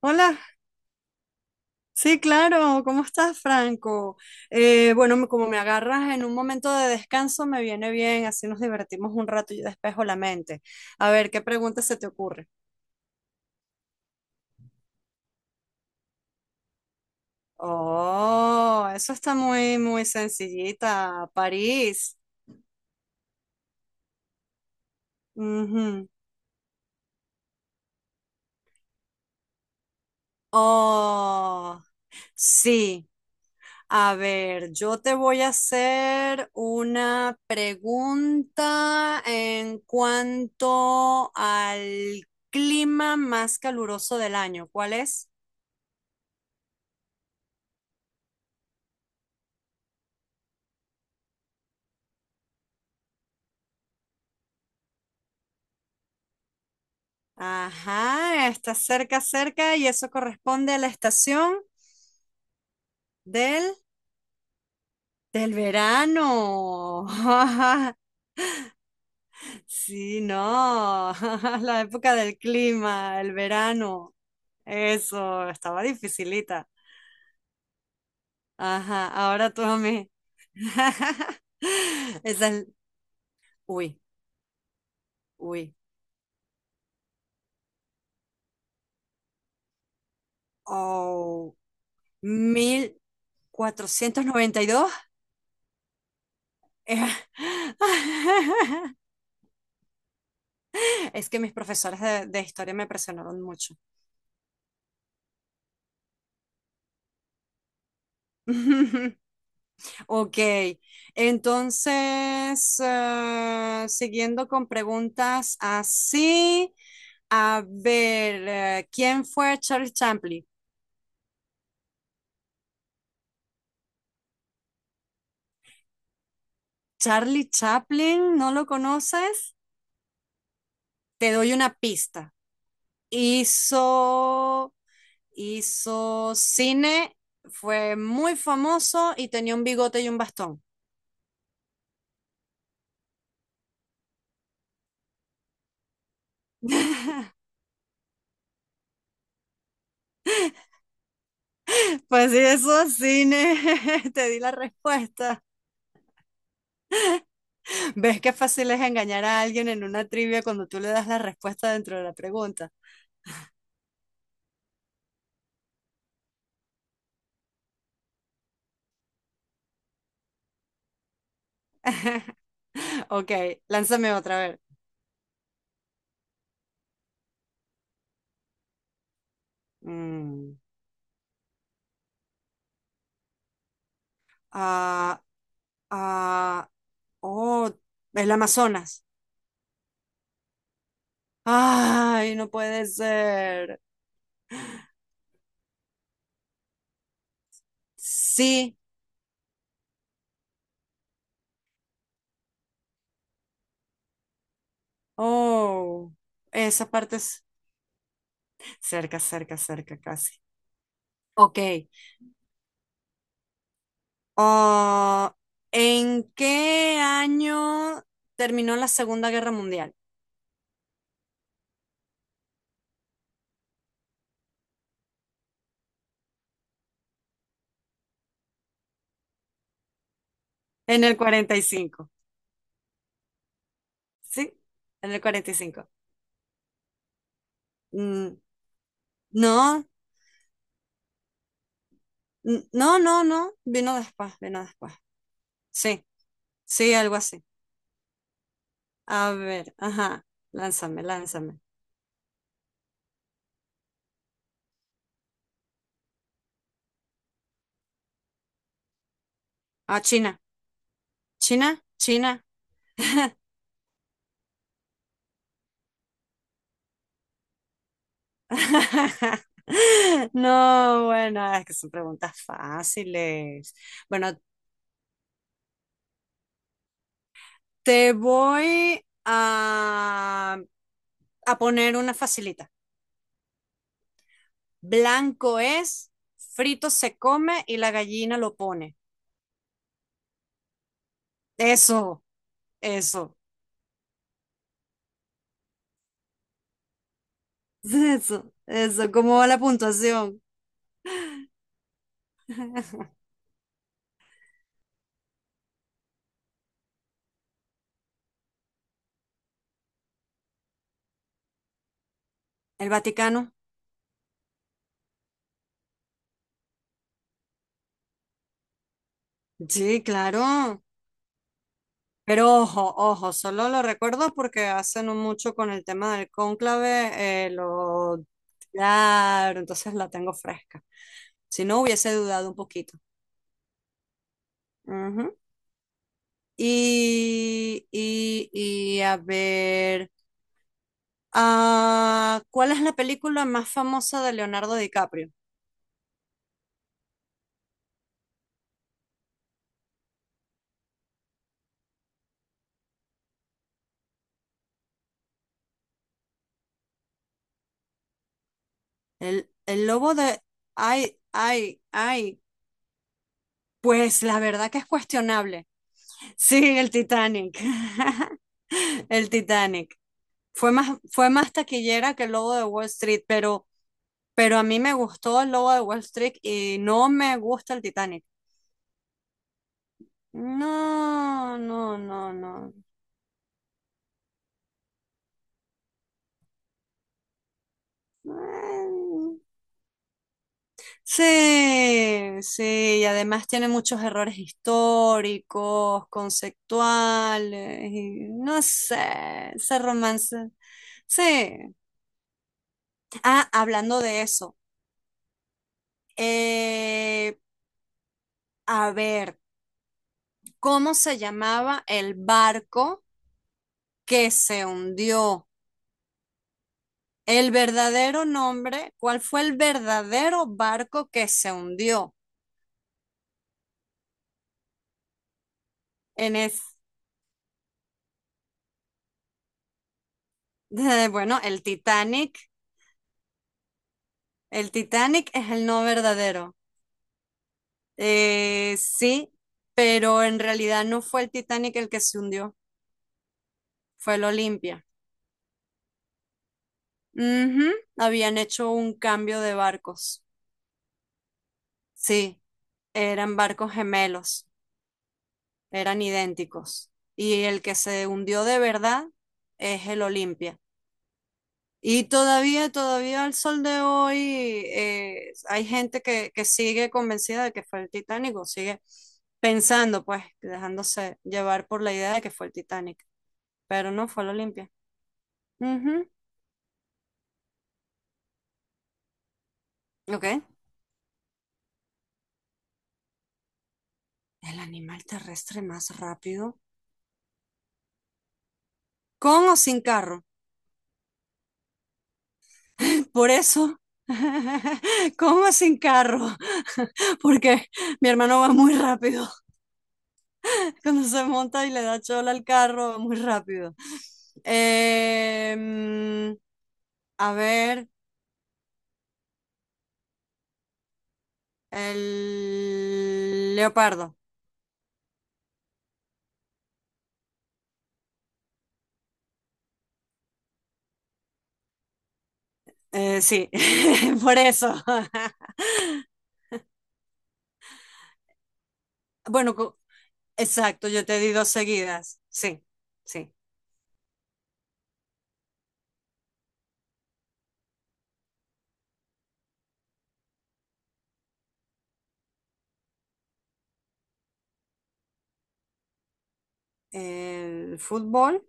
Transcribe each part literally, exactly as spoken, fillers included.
Hola, sí, claro, ¿cómo estás, Franco? Eh, bueno, me- como me agarras en un momento de descanso, me viene bien, así nos divertimos un rato y despejo la mente. A ver, ¿qué pregunta se te ocurre? Oh, eso está muy, muy sencillita. París. Ujú. Oh, sí. A ver, yo te voy a hacer una pregunta en cuanto al clima más caluroso del año. ¿Cuál es? Ajá, está cerca, cerca y eso corresponde a la estación del, del verano. Sí, no, la época del clima, el verano. Eso, estaba dificilita. Ajá, ahora tú a mí. Esa es, uy, uy, oh, mil cuatrocientos noventa y dos. Eh, Es que mis profesores de, de historia me presionaron mucho. Ok, entonces, eh, siguiendo con preguntas así, a ver, eh, ¿quién fue Charles Chaplin? Charlie Chaplin, ¿no lo conoces? Te doy una pista. Hizo, hizo cine, fue muy famoso y tenía un bigote y un bastón. Pues sí, eso es cine, te di la respuesta. ¿Ves qué fácil es engañar a alguien en una trivia cuando tú le das la respuesta dentro de la pregunta? Ok, lánzame otra vez. Mm, ah, ah, oh, el Amazonas. Ay, no puede ser. Sí, oh, esa parte es cerca, cerca, cerca, casi. Ok. Ah, ¿en qué año terminó la Segunda Guerra Mundial? En el cuarenta y cinco. ¿Sí? En el cuarenta y cinco. Mm, no, n- no, no, no. Vino después, vino después. Sí, sí, algo así. A ver, ajá. Lánzame, lánzame. Ah, China. China, China. No, bueno, es que son preguntas fáciles. Bueno, te voy a, a poner una facilita. Blanco es, frito se come y la gallina lo pone. Eso, eso, eso, eso. ¿Cómo va la puntuación? ¿El Vaticano? Sí, claro. Pero ojo, ojo, solo lo recuerdo porque hace no mucho con el tema del cónclave eh, lo claro, entonces la tengo fresca. Si no, hubiese dudado un poquito. Ujú. Y, y, y a ver, ah, ¿cuál es la película más famosa de Leonardo DiCaprio? El, el lobo de... Ay, ay, ay. Pues la verdad que es cuestionable. Sí, el Titanic. El Titanic. Fue más, fue más taquillera que el Lobo de Wall Street, pero, pero a mí me gustó el Lobo de Wall Street y no me gusta el Titanic. No, no, no, no. Mm, sí, sí, y además tiene muchos errores históricos, conceptuales, y no sé, ese romance. Sí. Ah, hablando de eso, eh, a ver, ¿cómo se llamaba el barco que se hundió? El verdadero nombre, ¿cuál fue el verdadero barco que se hundió? En es- bueno, el Titanic. El Titanic es el no verdadero. Eh, sí, pero en realidad no fue el Titanic el que se hundió, fue el Olimpia. Ujú, habían hecho un cambio de barcos. Sí, eran barcos gemelos, eran idénticos. Y el que se hundió de verdad es el Olimpia. Y todavía, todavía al sol de hoy eh, hay gente que, que sigue convencida de que fue el Titanic o sigue pensando, pues, dejándose llevar por la idea de que fue el Titanic, pero no fue la Olimpia. Ujú, ok. El animal terrestre más rápido, con o sin carro. Por eso, con o sin carro, porque mi hermano va muy rápido. Cuando se monta y le da chola al carro, va muy rápido. Em, a ver, el leopardo. Eh, sí, por eso. Bueno, co- exacto, yo te di dos seguidas. Sí, sí. El fútbol,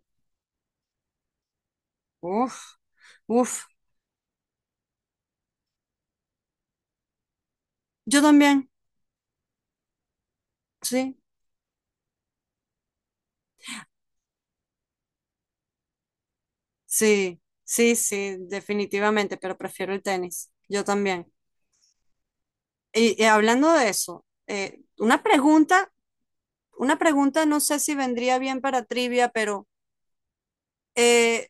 uff, uff. Yo también, sí, sí, sí, sí, definitivamente, pero prefiero el tenis. Yo también. Y, y hablando de eso, eh, una pregunta una pregunta, no sé si vendría bien para trivia, pero eh,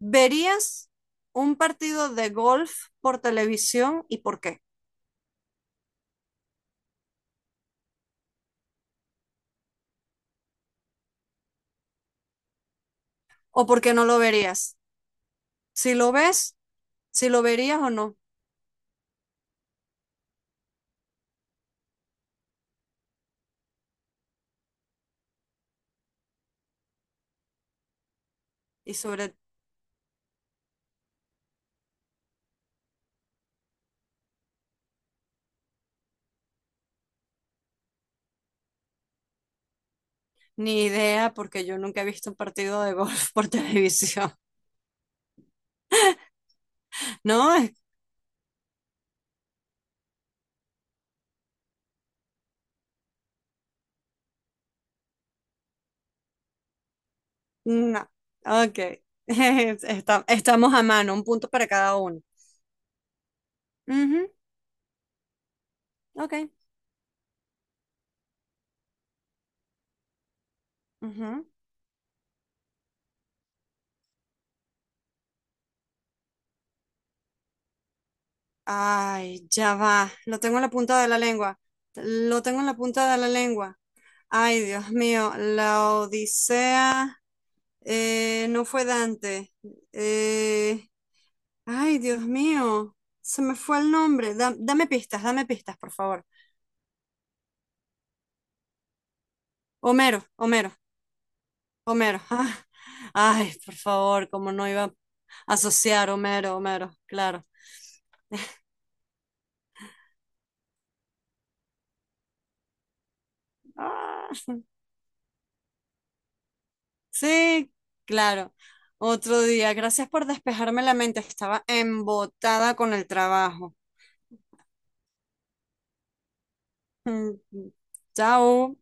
¿verías un partido de golf por televisión y por qué? ¿O por qué no lo verías? Si lo ves, si lo verías o no. Y sobre ni idea, porque yo nunca he visto un partido de golf por televisión. No, es- no. Ok. Está- estamos a mano, un punto para cada uno. Ujú, ok. Ujú. Ay, ya va. Lo tengo en la punta de la lengua. Lo tengo en la punta de la lengua. Ay, Dios mío. La Odisea eh, no fue Dante. Eh, ay, Dios mío. Se me fue el nombre. Da- dame pistas, dame pistas, por favor. Homero, Homero, Homero. Ah, ay, por favor, como no iba a asociar Homero, Homero. Claro. Ah. Sí, claro. Otro día. Gracias por despejarme la mente. Estaba embotada con el trabajo. Chao.